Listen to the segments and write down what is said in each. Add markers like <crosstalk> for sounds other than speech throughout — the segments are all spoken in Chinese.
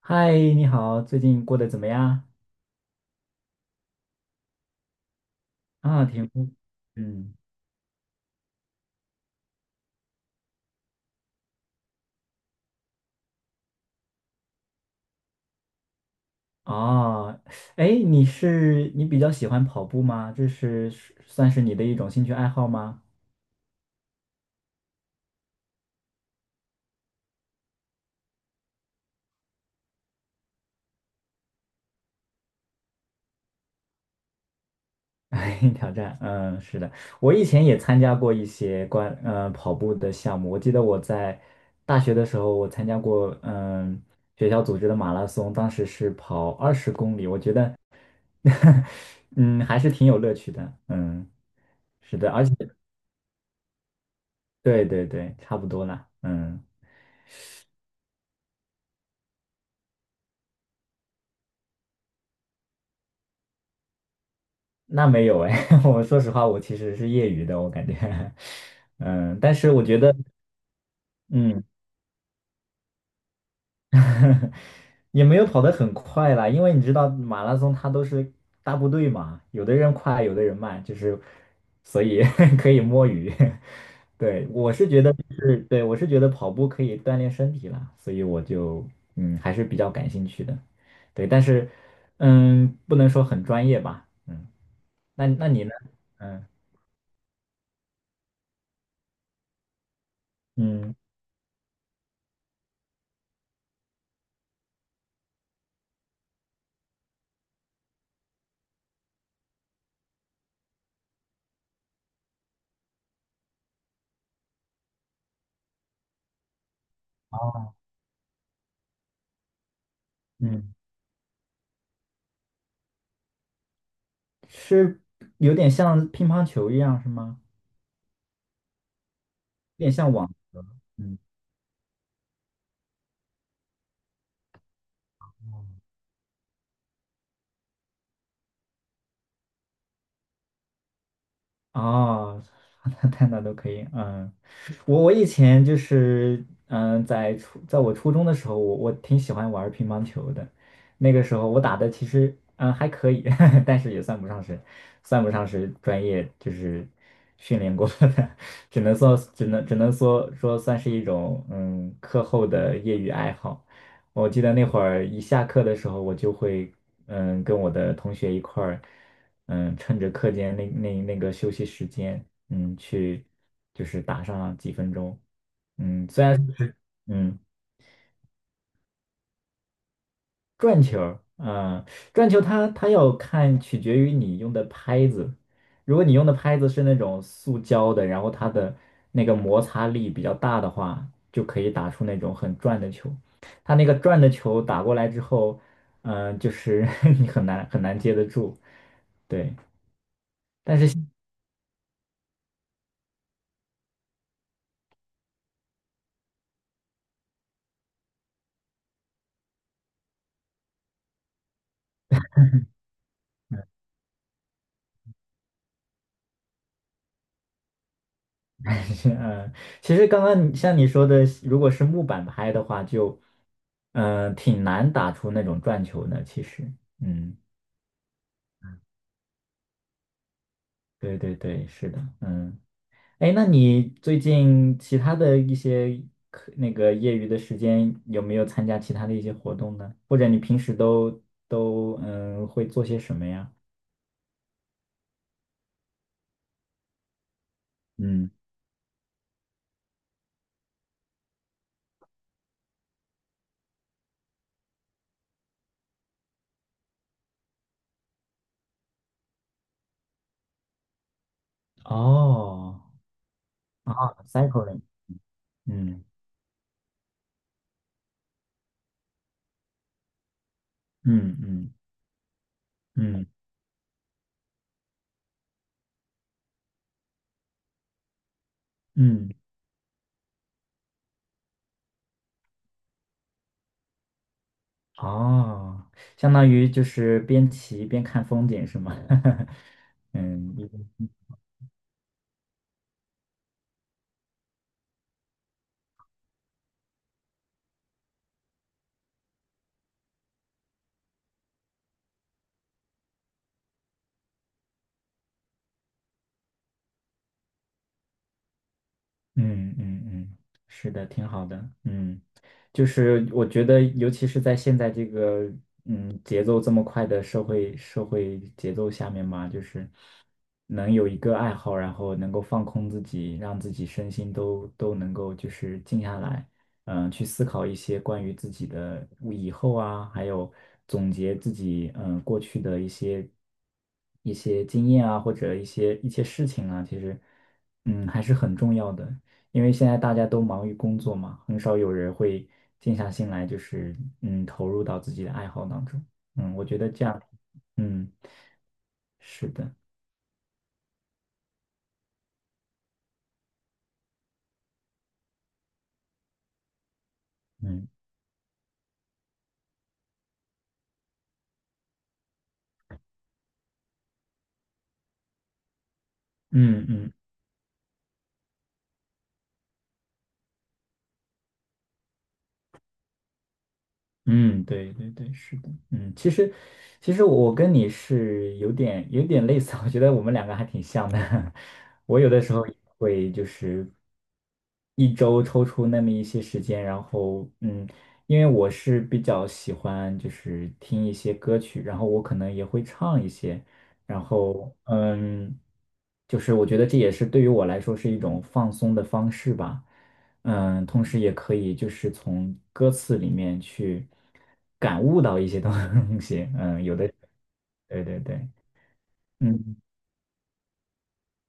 嗨，你好，最近过得怎么样？啊，挺不，嗯，哦，哎，你比较喜欢跑步吗？算是你的一种兴趣爱好吗？<laughs> 哎，挑战，是的，我以前也参加过一些跑步的项目。我记得我在大学的时候，我参加过学校组织的马拉松，当时是跑二十公里，我觉得 <laughs> 嗯还是挺有乐趣的，是的，而且。对对对，差不多啦。嗯，那没有哎，<laughs> 我说实话，我其实是业余的，我感觉，<laughs> 嗯，但是我觉得，嗯，<laughs> 也没有跑得很快啦，因为你知道马拉松它都是大部队嘛，有的人快，有的人慢，就是所以 <laughs> 可以摸鱼。<laughs> 对，我是觉得就是对，我是觉得跑步可以锻炼身体啦，所以我就还是比较感兴趣的。对，但是不能说很专业吧。嗯。那你呢？嗯嗯嗯，是有点像乒乓球一样是吗？有点像网球。嗯。哦，那太难都可以，我以前就是，在我初中的时候，我挺喜欢玩乒乓球的，那个时候我打的其实还可以，<laughs> 但是也算不上是专业，就是训练过的，<laughs> 只能说算是一种课后的业余爱好。我记得那会儿一下课的时候，我就会跟我的同学一块儿。趁着课间那个休息时间，去就是打上几分钟，嗯，转球儿，转球它取决于你用的拍子，如果你用的拍子是那种塑胶的，然后它的那个摩擦力比较大的话，就可以打出那种很转的球。它那个转的球打过来之后，就是 <laughs> 你很难很难接得住，对。但是 <laughs> 嗯，其实刚刚像你说的，如果是木板拍的话，就挺难打出那种转球的。其实，嗯，对对对，是的，哎，那你最近其他的一些那个业余的时间有没有参加其他的一些活动呢？或者你平时都会做些什么呀？嗯，哦，啊，cycling，嗯嗯嗯嗯嗯。嗯哦，相当于就是边骑边看风景是吗？<laughs> 嗯，嗯嗯嗯，是的，挺好的。嗯，就是我觉得，尤其是在现在这个节奏这么快的社会节奏下面嘛，就是能有一个爱好，然后能够放空自己，让自己身心都能够就是静下来，去思考一些关于自己的以后啊，还有总结自己过去的一些经验啊，或者一些事情啊，其实还是很重要的。因为现在大家都忙于工作嘛，很少有人会静下心来，就是投入到自己的爱好当中。我觉得这样，嗯，是的，嗯嗯嗯嗯，对对对，是的，其实我跟你是有点类似，我觉得我们两个还挺像的。<laughs> 我有的时候也会就是一周抽出那么一些时间，然后因为我是比较喜欢就是听一些歌曲，然后我可能也会唱一些，然后就是我觉得这也是对于我来说是一种放松的方式吧。同时也可以就是从歌词里面去感悟到一些东西，有的，对对对，嗯，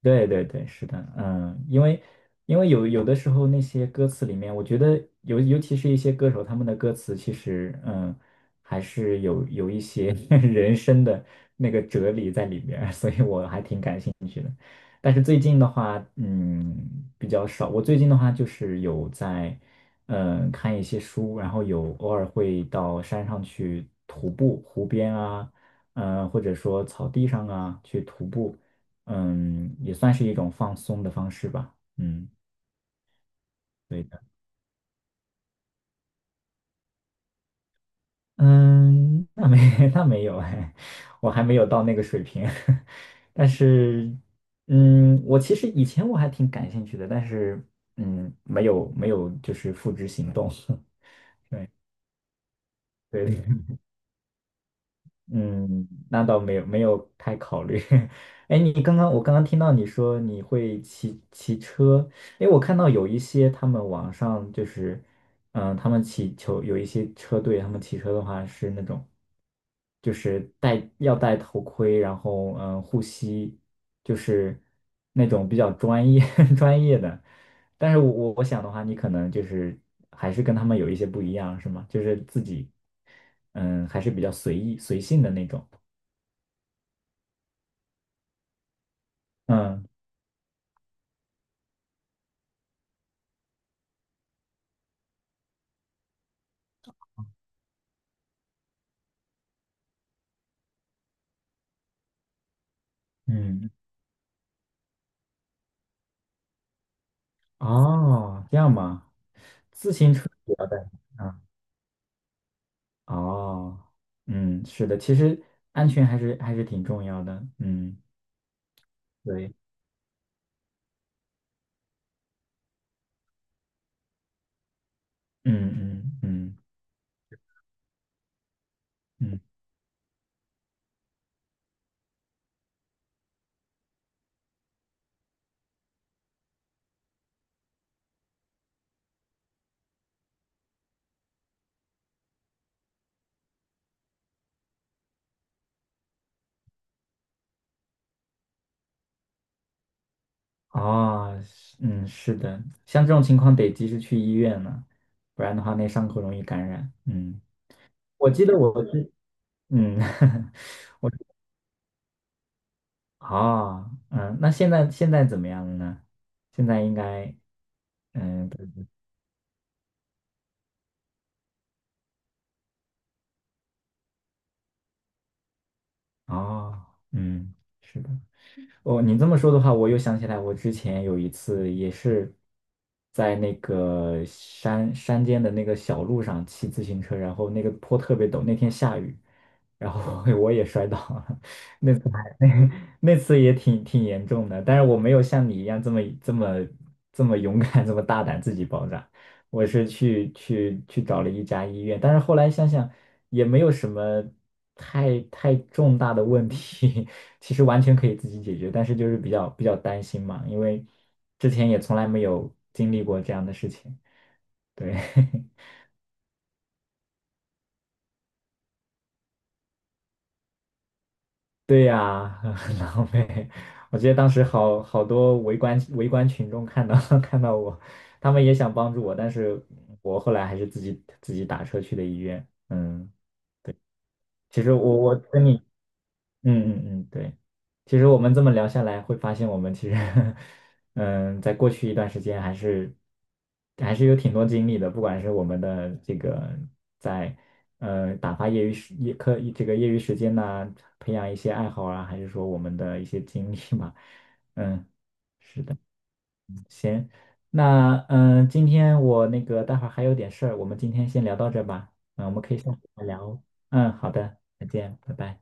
对对对，是的，因为有的时候那些歌词里面，我觉得尤其是一些歌手他们的歌词，其实还是有一些 <laughs> 人生的那个哲理在里边儿所以我还挺感兴趣。但是最近的话，比较少。我最近的话就是有在，看一些书，然后有偶尔会到山上去徒步，湖边啊，或者说草地上啊去徒步，也算是一种放松的方式吧。嗯，对嗯，那没 <laughs> 那没有哎，我还没有到那个水平。<laughs> 但是，我其实以前我还挺感兴趣的，但是，没有就是付之行动。<laughs> 对对，嗯，那倒没有太考虑。<laughs> 哎，你刚刚我刚刚听到你说你会骑车，哎，我看到有一些他们网上就是，他们有一些车队，他们骑车的话是那种，就是要戴头盔，然后护膝，就是那种比较专业 <laughs> 专业的。但是我想的话，你可能就是还是跟他们有一些不一样，是吗？就是自己，还是比较随意随性的那种。嗯嗯，哦，这样吗？不要带。嗯，哦，嗯，是的，其实安全还是挺重要的。嗯，对，嗯嗯嗯嗯，哦，是嗯，是的，像这种情况得及时去医院了，不然的话那伤口容易感染。嗯，我记得我之嗯。<laughs> 我。啊，那现在怎么样了呢？现在应该，不哦，嗯，是的。哦，你这么说的话，我又想起来，我之前有一次也是在那个山间的那个小路上骑自行车，然后那个坡特别陡，那天下雨，然后 <laughs> 我也摔倒了。<laughs> 那次也挺严重的，但是我没有像你一样这么勇敢，这么大胆自己包扎。我是去找了一家医院，但是后来想想也没有什么太重大的问题，<laughs> 其实完全可以自己解决，但是就是比较担心嘛，因为之前也从来没有经历过这样的事情。对，<laughs> 对呀、<laughs> 很狼狈。我记得当时好多围观群众看到 <laughs> 看到我，他们也想帮助我，但是我后来还是自己打车去的医院。嗯，其实我跟你嗯嗯嗯，对。其实我们这么聊下来，会发现我们其实，<laughs> 嗯，在过去一段时间还是有挺多经历的，不管是我们的这个在呃打发业余时业课这个业余时间呐、培养一些爱好啊，还是说我们的一些经历嘛，嗯，行，那今天我那个待会儿还有点事儿，我们今天先聊到这儿吧。嗯，我们可以下次再聊哦。嗯，好的，再见，拜拜。